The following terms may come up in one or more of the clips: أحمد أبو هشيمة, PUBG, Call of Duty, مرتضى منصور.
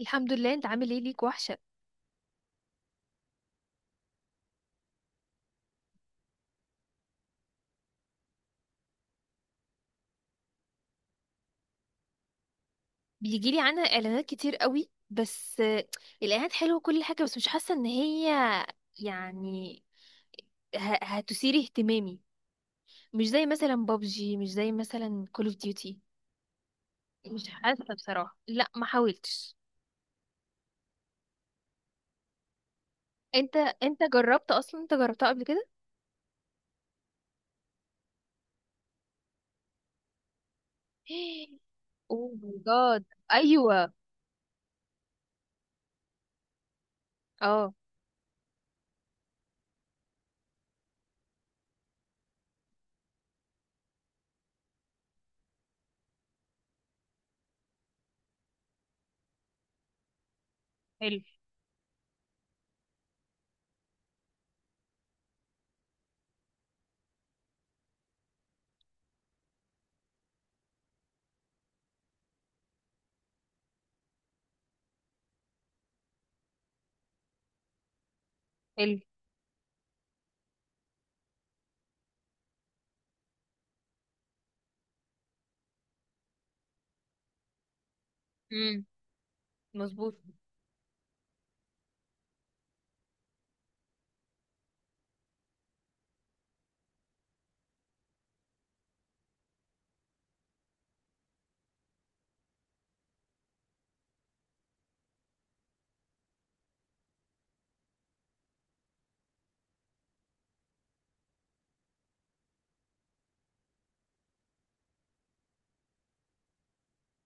الحمد لله. انت عامل ايه؟ ليك وحشه. بيجي لي عنها اعلانات كتير قوي، بس الاعلانات حلوه كل حاجه، بس مش حاسه ان هي يعني هتثير اهتمامي. مش زي مثلا بابجي، مش زي مثلا كول اوف ديوتي. مش حاسه بصراحه، لا، ما حاولتش. انت انت جربت اصلا؟ انت جربتها قبل كده؟ اوه ماي جاد! ايوه. اه. حلو، حلو. امم. مظبوط.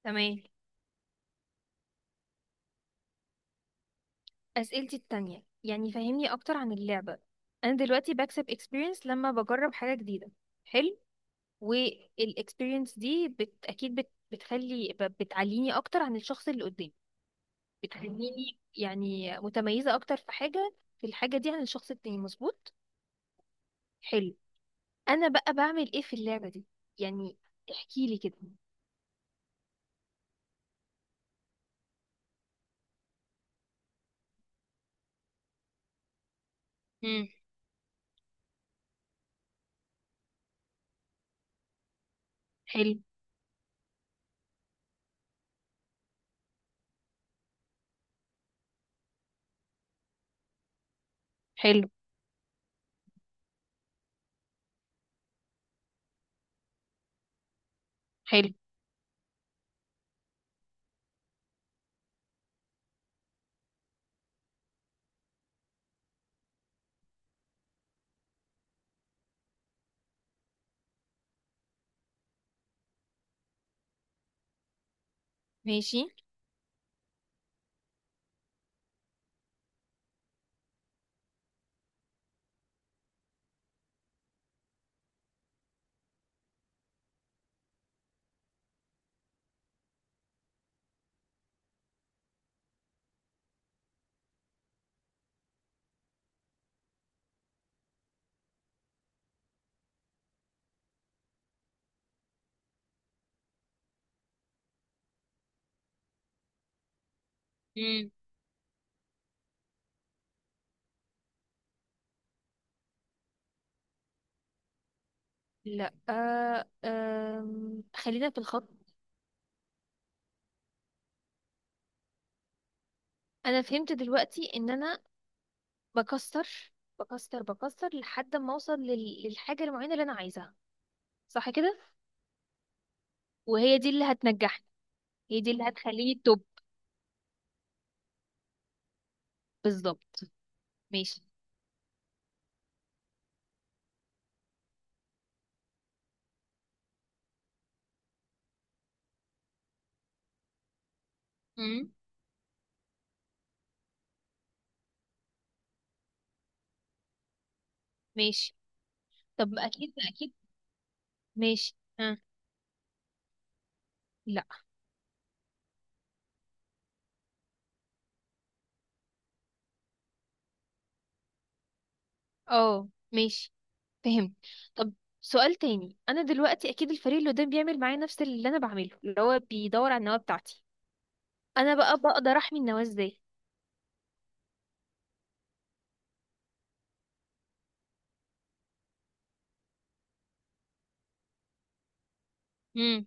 تمام. أسئلتي التانية، يعني فهمني أكتر عن اللعبة. أنا دلوقتي بكسب experience لما بجرب حاجة جديدة. حلو. والاكسبيرينس دي أكيد بتعليني أكتر عن الشخص اللي قدامي. بتخليني يعني متميزة أكتر في الحاجة دي عن الشخص التاني. مظبوط. حلو. أنا بقى بعمل إيه في اللعبة دي؟ يعني احكيلي كده. امم. حلو، حلو، حلو. ماشي. امم. لا، خلينا في الخط. انا فهمت دلوقتي ان انا بكسر بكسر لحد ما اوصل للحاجه المعينه اللي انا عايزاها. صح كده؟ وهي دي اللي هتنجحني. هي دي اللي هتخليني توب. بالظبط. ماشي. امم. ماشي. طب، اكيد، اكيد. ماشي. ها؟ لا. اه. ماشي. فهمت. طب، سؤال تاني. انا دلوقتي اكيد الفريق اللي قدام بيعمل معايا نفس اللي انا بعمله، اللي هو بيدور على النواه بتاعتي. انا بقى بقدر احمي النواه ازاي؟ امم.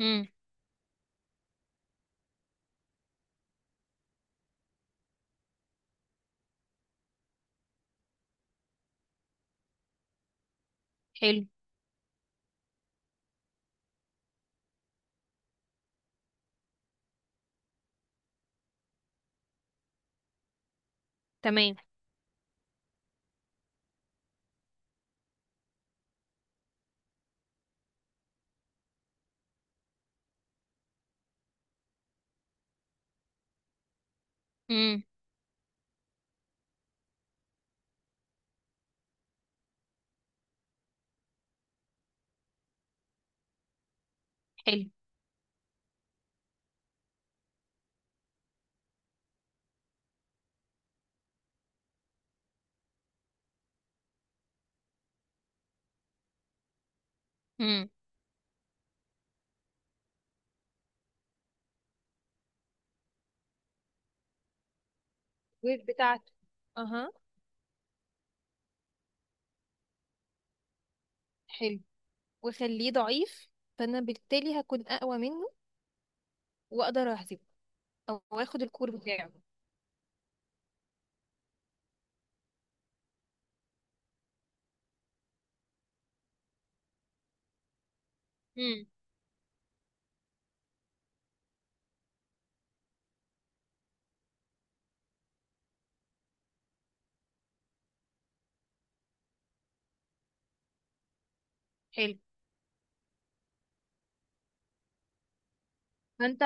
امم. حلو. تمام. امم. حلو. الويف بتاعته. اها. حلو. وخليه ضعيف، فانا بالتالي هكون اقوى منه واقدر اهزمه، او اخد الكور بتاعه. امم. حلو. فانت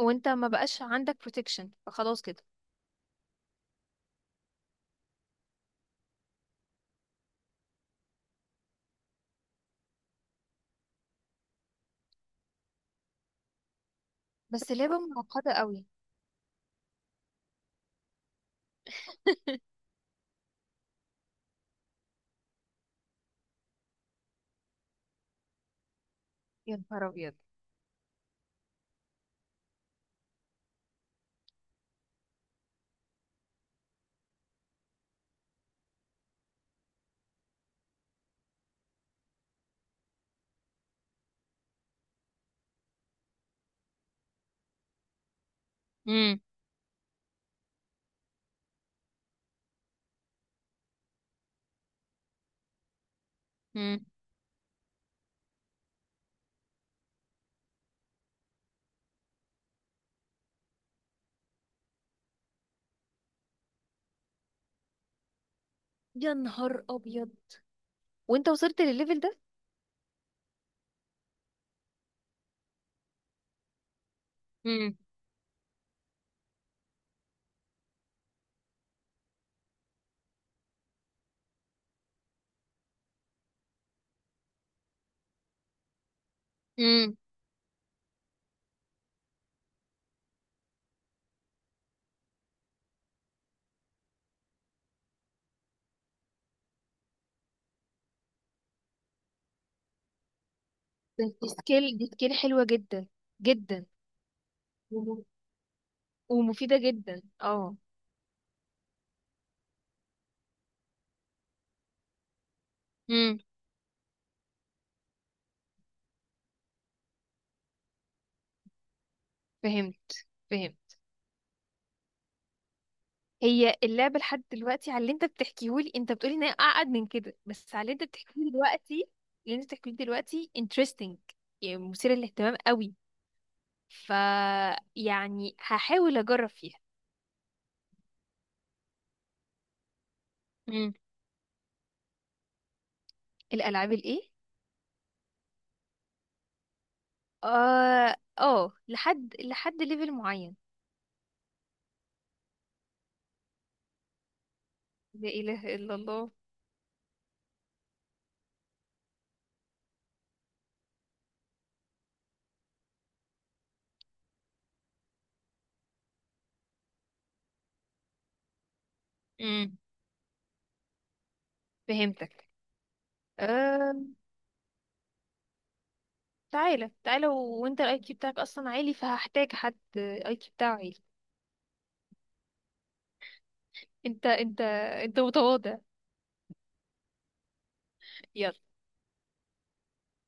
وانت ما بقاش عندك بروتكشن، فخلاص كده. بس لعبة معقدة قوي! يا نهار ابيض. امم. امم. يا نهار ابيض! وانت وصلت للليفل ده؟ امم. امم. بس دي سكيل حلوة جدا، جدا. وم- ومفيدة جدا. اه. امم. فهمت. فهمت. هي اللعبة لحد دلوقتي، على اللي انت بتحكيهولي، انت بتقولي ان هي اعقد من كده، بس على اللي انت بتحكيهولي دلوقتي، اللي انت بتحكيهولي دلوقتي interesting. يعني مثير للاهتمام قوي. ف يعني هحاول اجرب فيها. مم. الالعاب الايه؟ اه، اه، لحد ليفل معين. لا اله الا الله. مم. فهمتك. آه. تعالى، تعالى. وانت الاي كيو بتاعك اصلا عالي، فهحتاج حد اي كيو بتاعه عالي. انت. انت متواضع. يلا.